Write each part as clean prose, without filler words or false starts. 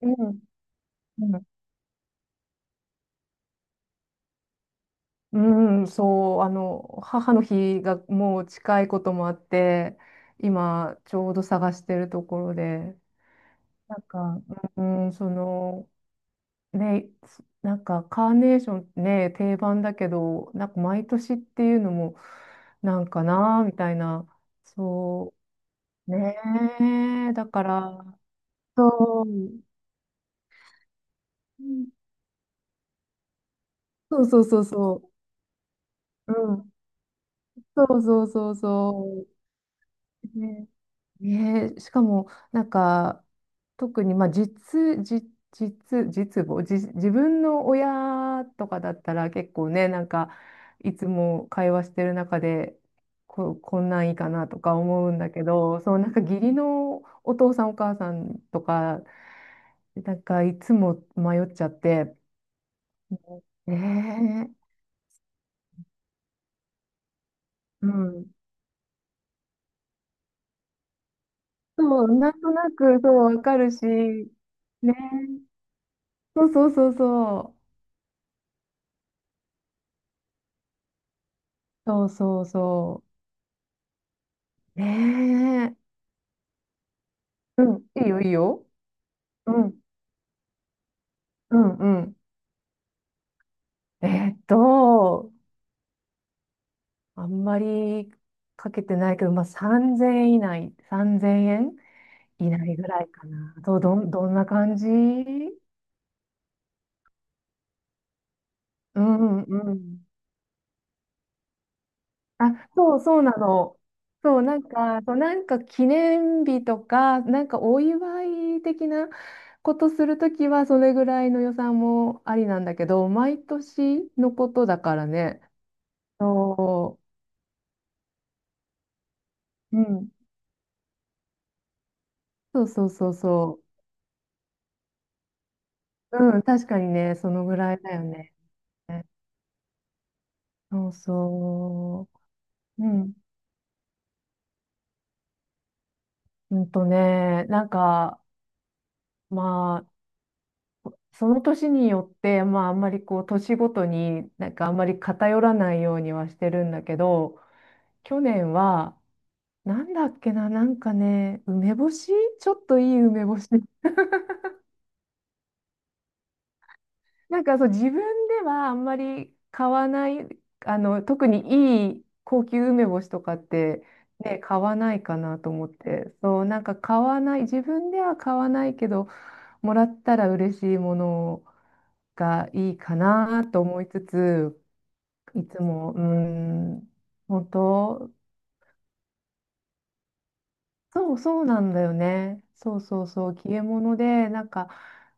うん、うん、うんそう、あの、母の日がもう近いこともあって、今、ちょうど探してるところで、なんか、うん、その、ね、なんか、カーネーションってね、定番だけど、なんか、毎年っていうのも、なんかな、みたいな、そう、ねえ、だから、そう、うんそうそうそうそう、うん、そうそうそうそう、ねえ、しかも、なんか、特に、まあ、実、実母、自分の親とかだったら結構ね、なんか、いつも会話してる中で、こんなんいいかなとか思うんだけど、そう、なんか義理のお父さんお母さんとか、なんかいつも迷っちゃって、ええうん。そう、なんとなく、そう、わかるし、ねえ、そうそうそうそう、そうそうそう。ねえ。うん、いいよ、いいよ。うん、うん、うん。えーっと、あんまりかけてないけど、まあ、3000円以内、3 0円以内ぐらいかな。どんな感じ？うんうん。あ、そうそうなの。そう、なんか、そう、なんか記念日とか、なんかお祝い的なことするときは、それぐらいの予算もありなんだけど、毎年のことだからね。そう。うん。そうそうそうそう。うん、確かにね、そのぐらいだよね。そうそう。うん。うんとね、なんか、まあ、その年によって、まあ、あんまりこう、年ごとに、なんかあんまり偏らないようにはしてるんだけど、去年は、なんだっけな、なんかね、梅干し、ちょっといい梅干し、なんかそう自分ではあんまり買わない、あの特にいい高級梅干しとかって、ね、買わないかなと思って、そう、なんか買わない、自分では買わないけど、もらったら嬉しいものがいいかなと思いつつ、いつも、うーん、本当、そうそうなんだよね。そうそうそう、消え物で、なんか、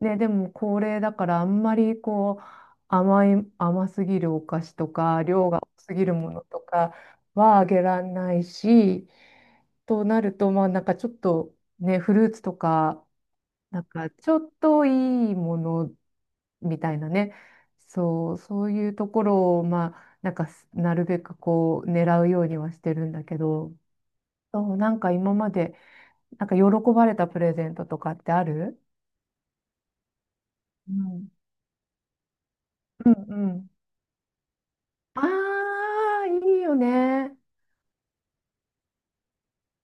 ね、でも高齢だから、あんまりこう、甘い、甘すぎるお菓子とか、量が多すぎるものとかはあげられないし、となると、まあ、なんかちょっとね、フルーツとか、なんかちょっといいものみたいなね、そう、そういうところを、まあ、なんかすなるべくこう、狙うようにはしてるんだけど、そう、なんか今まで、なんか喜ばれたプレゼントとかってある？うん。うんうん。ああ、いいよね。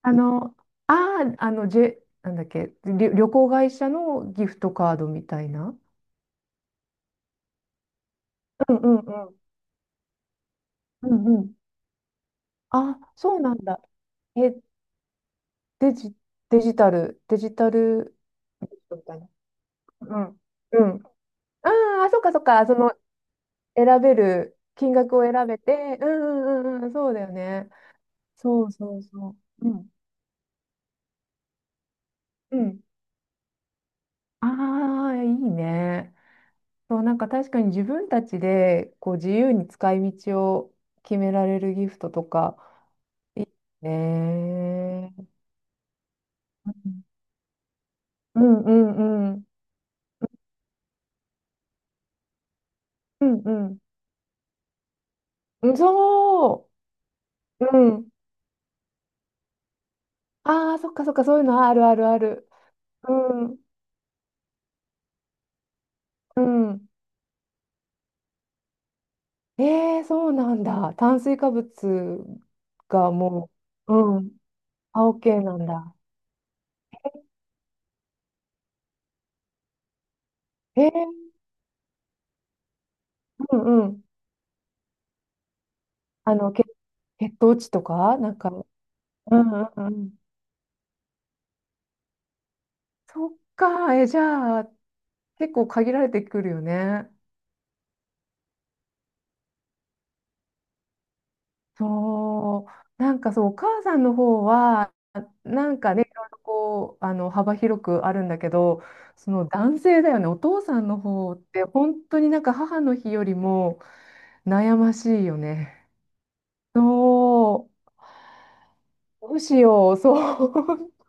あの、ああ、あの、なんだっけ、旅行会社のギフトカードみたいな。うんうんうん。うんうん。あ、そうなんだ。え、デジ、デジタルギフトみたいな。うん。うん。ああ、そっかそっか。その、選べる、金額を選べて。うんうんうんうん。そうだよね。そうそうそう。うん。うん。ああ、いいね。そう、なんか確かに自分たちでこう自由に使い道を決められるギフトとか。ねえ。うんうんうん。うんうん。うんそう。うん。ああ、そっかそっか、そういうのあるあるある。うん。うん。ええ、そうなんだ。炭水化物がもう、うん。あ、OK なんだ。ええ、うんうん。あの、血糖値とか、なんか、うんうんうん。そっか、え、じゃあ、結構限られてくるよね。そう、なんかそう、お母さんの方は、なんかね、いろいろこう、あの、幅広くあるんだけど、その男性だよね、お父さんの方って、本当になんか母の日よりも悩ましいよね。そう、どうしよう、そう、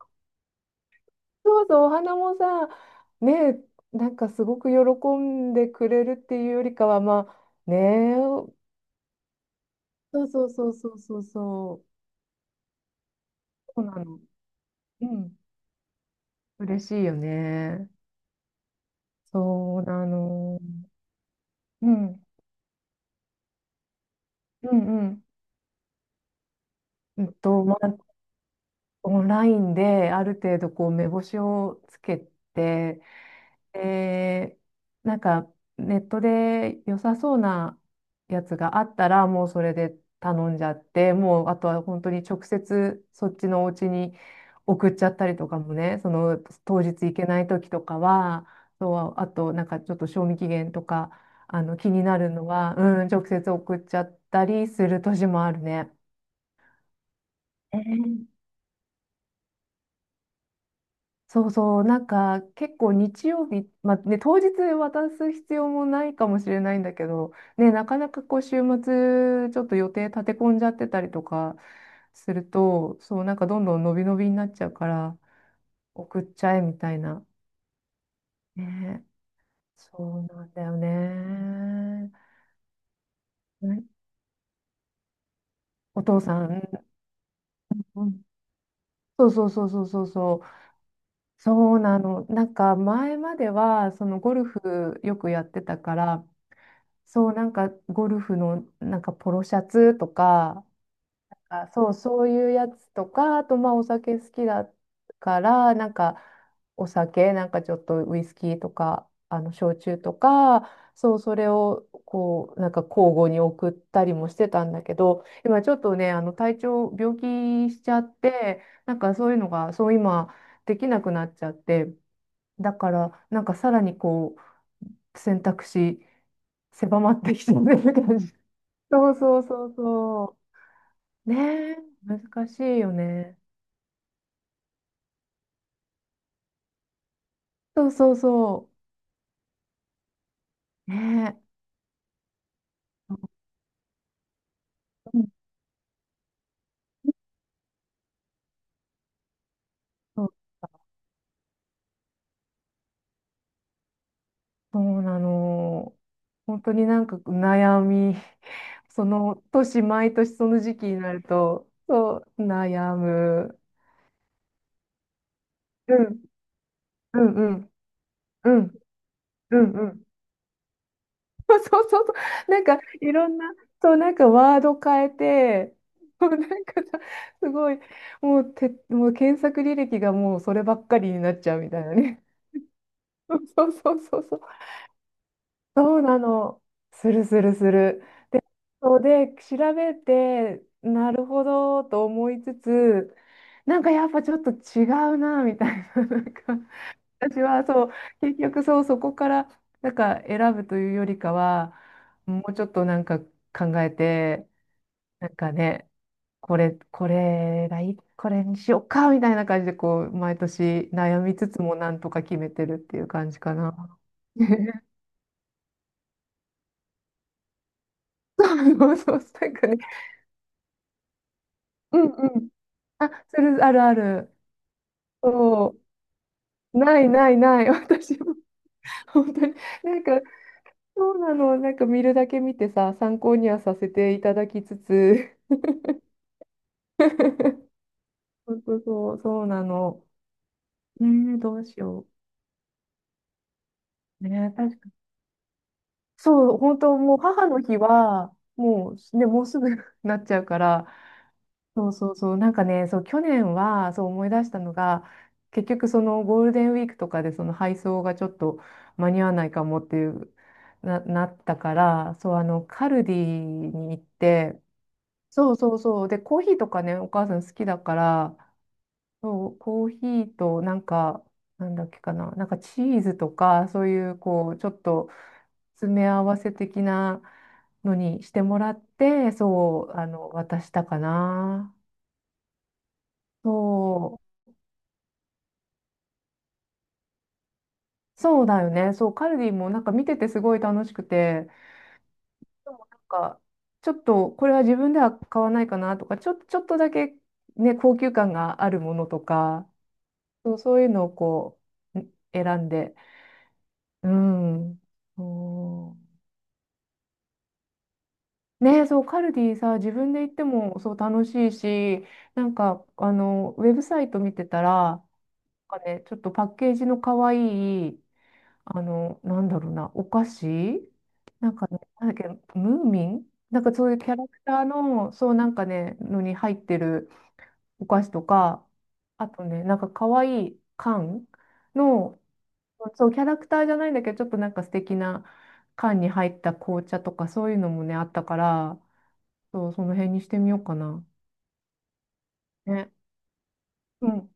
そうそう、お花もさ、ね、なんかすごく喜んでくれるっていうよりかは、まあ、ね、そうそうそうそうそうそう。そうなの。うん。嬉しいよね。そうなの。うん。うんうん。うんと、まあ、オンラインである程度こう目星をつけて、で、なんかネットで良さそうなやつがあったら、もうそれで頼んじゃって、もうあとは本当に直接そっちのお家に送っちゃったりとかもね、その当日行けない時とかは、そう、あとなんかちょっと賞味期限とか、あの気になるのは、うん、直接送っちゃったりする年もあるね。ええ、そうそう、なんか結構日曜日、まあね、当日渡す必要もないかもしれないんだけど、ね、なかなかこう週末ちょっと予定立て込んじゃってたりとかすると、そう、なんかどんどん伸び伸びになっちゃうから送っちゃえみたいな。ね、そうなんだよね。ね、お父さん、うん、そうそうそうそうそうそう、そうなの。なんか前まではそのゴルフよくやってたから、そう、なんかゴルフのなんかポロシャツとか、あ、そう、そういうやつとか、あとまあお酒好きだから、なんかお酒、なんかちょっとウイスキーとか、あの焼酎とか、そう、それをこう、なんか交互に送ったりもしてたんだけど、今ちょっとね、あの体調、病気しちゃって、なんかそういうのが、そう今できなくなっちゃって、だからなんかさらにこう、選択肢狭まってきてる感じ、そうそうそうそう。ねえ、難しいよね。そうそうそう。ねえ。うん、そうそうなの。本当になんか悩み、その年、毎年その時期になると、そう、悩む。うん、うん、うん、うん、うん、うん。そうそうそう。なんか、いろんな、そう、なんかワード変えて、もうなんかさ、すごい、もう、て、もう検索履歴がもうそればっかりになっちゃうみたいなね。そうそうそうそう。そうなの。するするする。そうで、調べて、なるほどと思いつつ、なんかやっぱちょっと違うな、みたいな。なんか私はそう結局そうそこからなんか選ぶというよりかはもうちょっとなんか考えてなんかねこれこれがいいこれにしようかみたいな感じでこう毎年悩みつつもなんとか決めてるっていう感じかな。そうそう、なんかね、うんうん、あ、それあるある、そうないないない、私も本当になんか、そうなの、なんか見るだけ見てさ参考にはさせていただきつつ、そうそうそう、そうなの。ねえ、どうしよう。ねえ、確かに。そう、本当もう母の日は、もう、ね、もうすぐ なっちゃうから、そうそうそう、なんかね、そう、去年は、そう思い出したのが、結局そのゴールデンウィークとかでその配送がちょっと間に合わないかもっていう、なったから、そう、あの、カルディに行って、そうそうそう、で、コーヒーとかね、お母さん好きだから、そう、コーヒーとなんか、なんだっけかな、なんかチーズとか、そういうこう、ちょっと詰め合わせ的なのにしてもらって、そう、あの、渡したかな。そう、そうだよね。そう、カルディもなんか見ててすごい楽しくて、でもなんか、ちょっとこれは自分では買わないかなとか、ちょっとだけね、高級感があるものとか、そう、そういうのをこう、選んで、うん。そう、ねえ、そう、カルディさ、自分で行ってもそう楽しいし、なんか、あの、ウェブサイト見てたら、なんかね、ちょっとパッケージの可愛いい、あの、なんだろうな、お菓子なんかね、なんだっけ、ムーミンなんかそういうキャラクターの、そうなんかね、のに入ってるお菓子とか、あとね、なんか可愛いい缶の、そう、キャラクターじゃないんだけど、ちょっとなんか素敵な缶に入った紅茶とか、そういうのもね、あったから、そう、その辺にしてみようかな。ね。うん。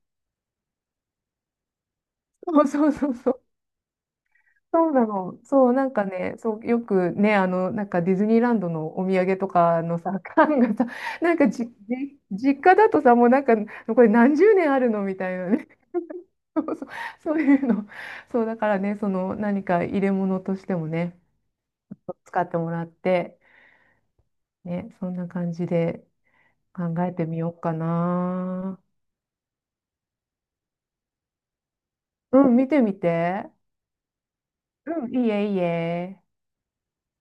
そうそうそうそう。そうなの。そう、なんかね、そう、よくね、あの、なんかディズニーランドのお土産とかのさ、缶がさ、なんか実家だとさ、もうなんか、これ何十年あるのみたいなね。そうそう、そういうの。そう、だからね、その何か入れ物としてもね、使ってもらって、ね、そんな感じで考えてみようかな。うん、見てみて。うん。いいえ、いいえ。